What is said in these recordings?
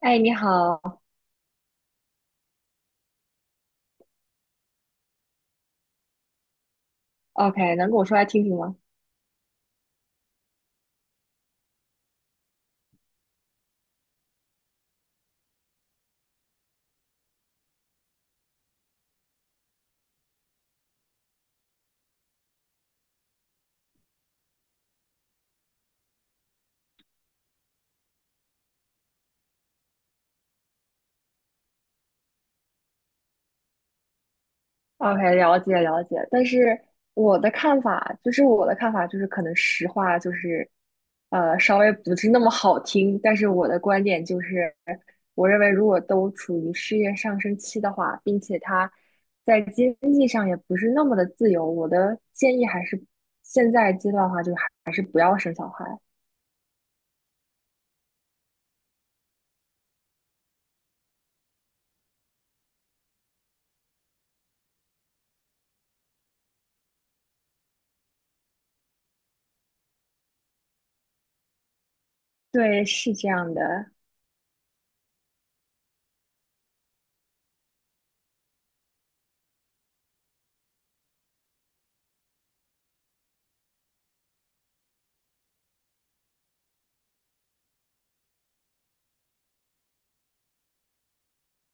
哎，你好哦。OK，能跟我说来听听吗哦？OK，了解了解，但是我的看法就是可能实话就是，稍微不是那么好听，但是我的观点就是，我认为如果都处于事业上升期的话，并且他在经济上也不是那么的自由，我的建议还是现在阶段的话，就还是不要生小孩。对，是这样的。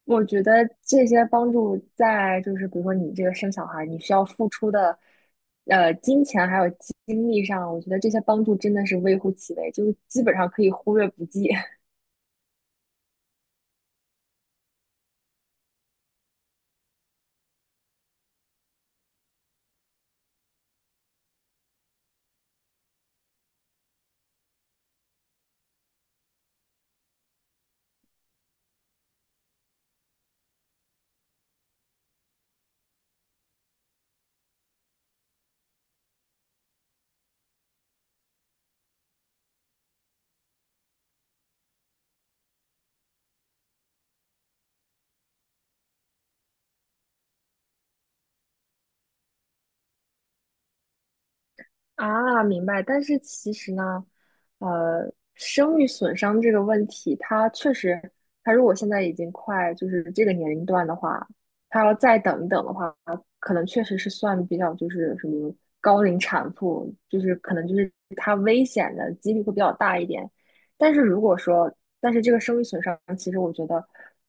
我觉得这些帮助在就是比如说你这个生小孩儿，你需要付出的，金钱还有精力上，我觉得这些帮助真的是微乎其微，就是基本上可以忽略不计。啊，明白。但是其实呢，生育损伤这个问题，它确实，它如果现在已经快就是这个年龄段的话，它要再等一等的话，可能确实是算比较就是什么高龄产妇，就是可能就是它危险的几率会比较大一点。但是如果说，但是这个生育损伤，其实我觉得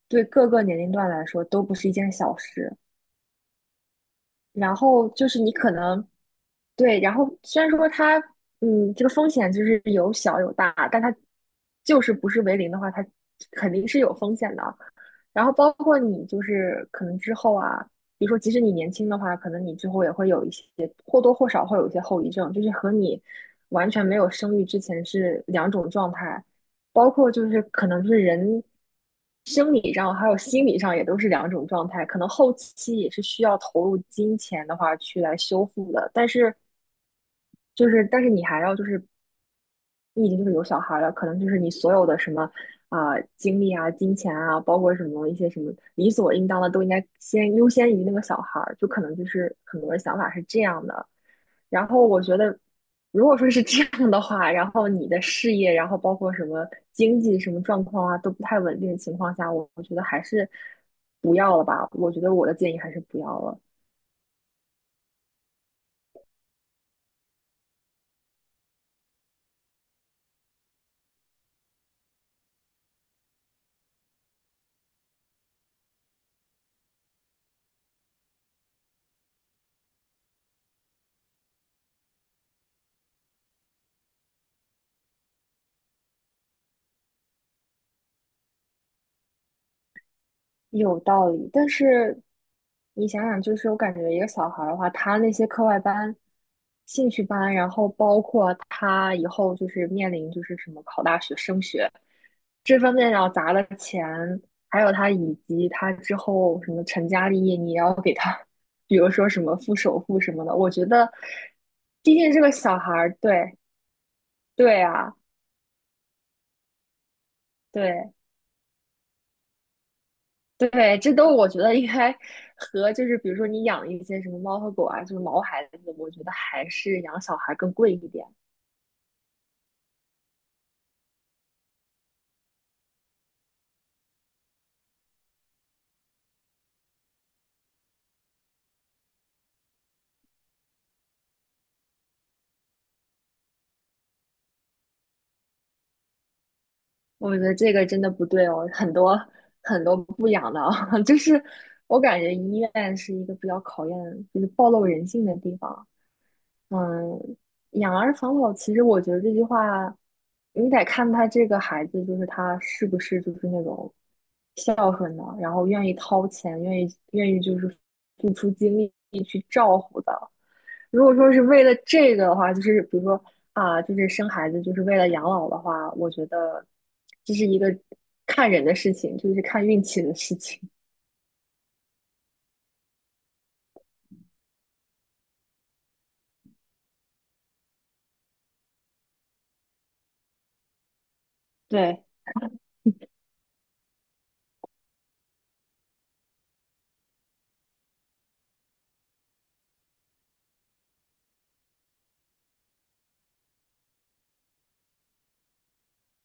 对各个年龄段来说都不是一件小事。然后就是你可能对，然后虽然说它这个风险就是有小有大，但它就是不是为零的话，它肯定是有风险的。然后包括你就是可能之后啊，比如说即使你年轻的话，可能你之后也会有一些或多或少会有一些后遗症，就是和你完全没有生育之前是两种状态，包括就是可能是人生理上还有心理上也都是两种状态，可能后期也是需要投入金钱的话去来修复的，但是就是，但是你还要就是，你已经就是有小孩了，可能就是你所有的什么啊、精力啊、金钱啊，包括什么一些什么理所应当的，都应该先优先于那个小孩儿。就可能就是很多人想法是这样的。然后我觉得，如果说是这样的话，然后你的事业，然后包括什么经济什么状况啊，都不太稳定的情况下，我觉得还是不要了吧。我觉得我的建议还是不要了。有道理，但是你想想，就是我感觉一个小孩儿的话，他那些课外班、兴趣班，然后包括他以后就是面临就是什么考大学、升学这方面要砸的钱，还有他以及他之后什么成家立业，你也要给他，比如说什么付首付什么的，我觉得，毕竟这个小孩儿，对对啊，对。对，这都我觉得应该和就是比如说你养一些什么猫和狗啊，就是毛孩子，我觉得还是养小孩更贵一点。我觉得这个真的不对哦，很多很多不养的啊，就是我感觉医院是一个比较考验就是暴露人性的地方。嗯，养儿防老，其实我觉得这句话，你得看他这个孩子，就是他是不是就是那种孝顺的，然后愿意掏钱，愿意就是付出精力，如果说是为了这个的话，就是比如说啊，就是生孩子就是为了养老的话，我觉得这是一个看人的事情，就是看运气的事情。对，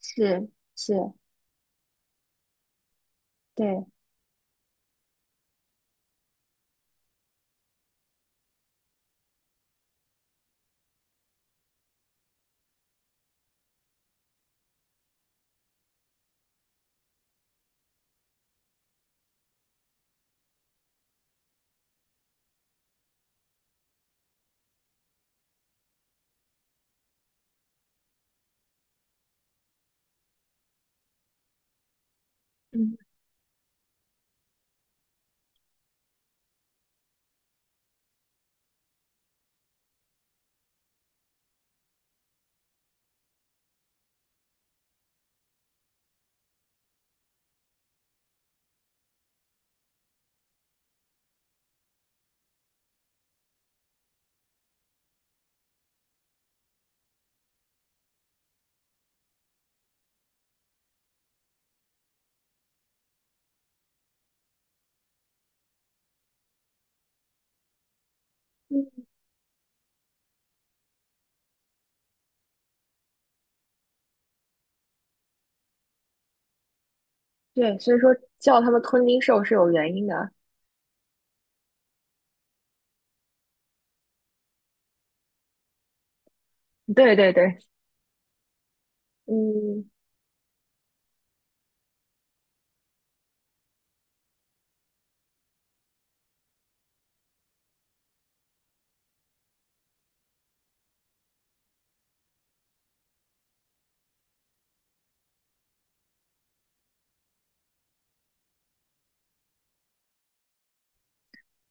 是是，对，嗯，嗯，对，所以说叫他们吞金兽是有原因的。对对对，嗯，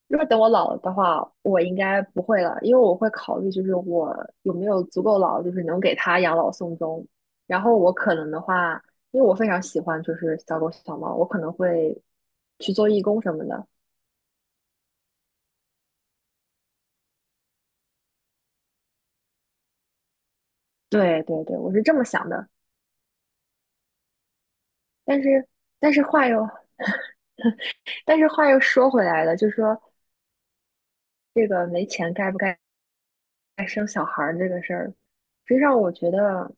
如果等我老了的话，我应该不会了，因为我会考虑，就是我有没有足够老，就是能给他养老送终。然后我可能的话，因为我非常喜欢就是小狗小猫，我可能会去做义工什么的。对对对，我是这么想的。但是但是话又 但是话又说回来了，就是说这个没钱该不该生小孩儿这个事儿，实际上我觉得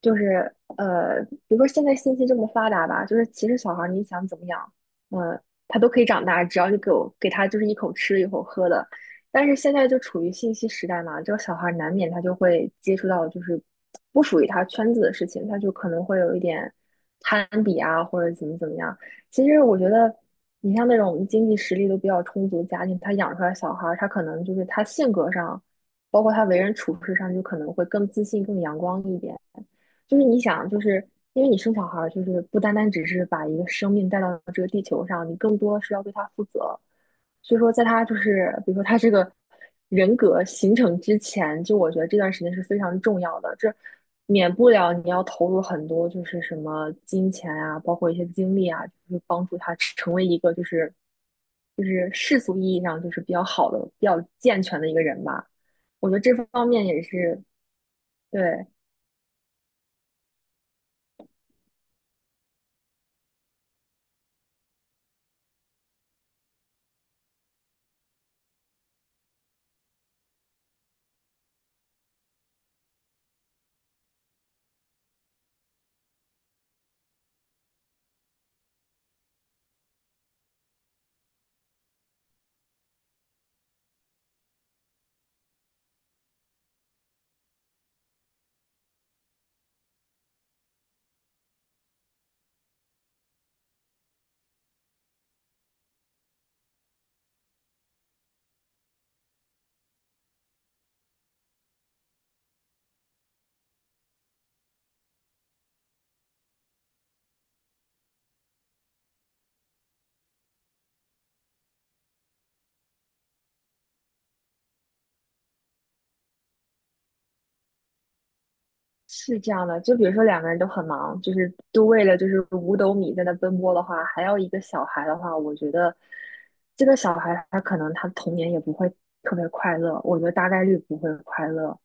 就是比如说现在信息这么发达吧，就是其实小孩儿你想怎么养，呃，他都可以长大，只要你给他就是一口吃一口喝的。但是现在就处于信息时代嘛，这个小孩儿难免他就会接触到就是不属于他圈子的事情，他就可能会有一点攀比啊，或者怎么怎么样。其实我觉得，你像那种经济实力都比较充足的家庭，他养出来的小孩儿，他可能就是他性格上包括他为人处事上就可能会更自信、更阳光一点。就是你想，就是因为你生小孩儿，就是不单单只是把一个生命带到这个地球上，你更多是要对他负责。所以说，在他就是比如说他这个人格形成之前，就我觉得这段时间是非常重要的，这免不了你要投入很多，就是什么金钱啊，包括一些精力啊，就是帮助他成为一个就是世俗意义上就是比较好的、比较健全的一个人吧。我觉得这方面也是，对，是这样的。就比如说两个人都很忙，就是都为了就是五斗米在那奔波的话，还要一个小孩的话，我觉得这个小孩他可能他童年也不会特别快乐，我觉得大概率不会快乐。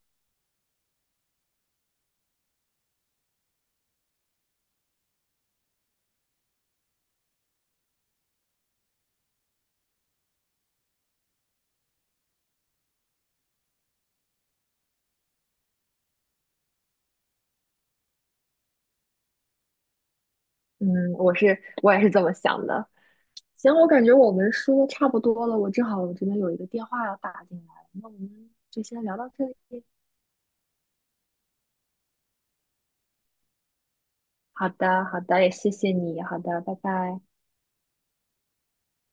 嗯，我也是这么想的。行，我感觉我们说的差不多了，我正好我这边有一个电话要打进来，那我们就先聊到这里。好的，好的，也谢谢你。好的，拜拜。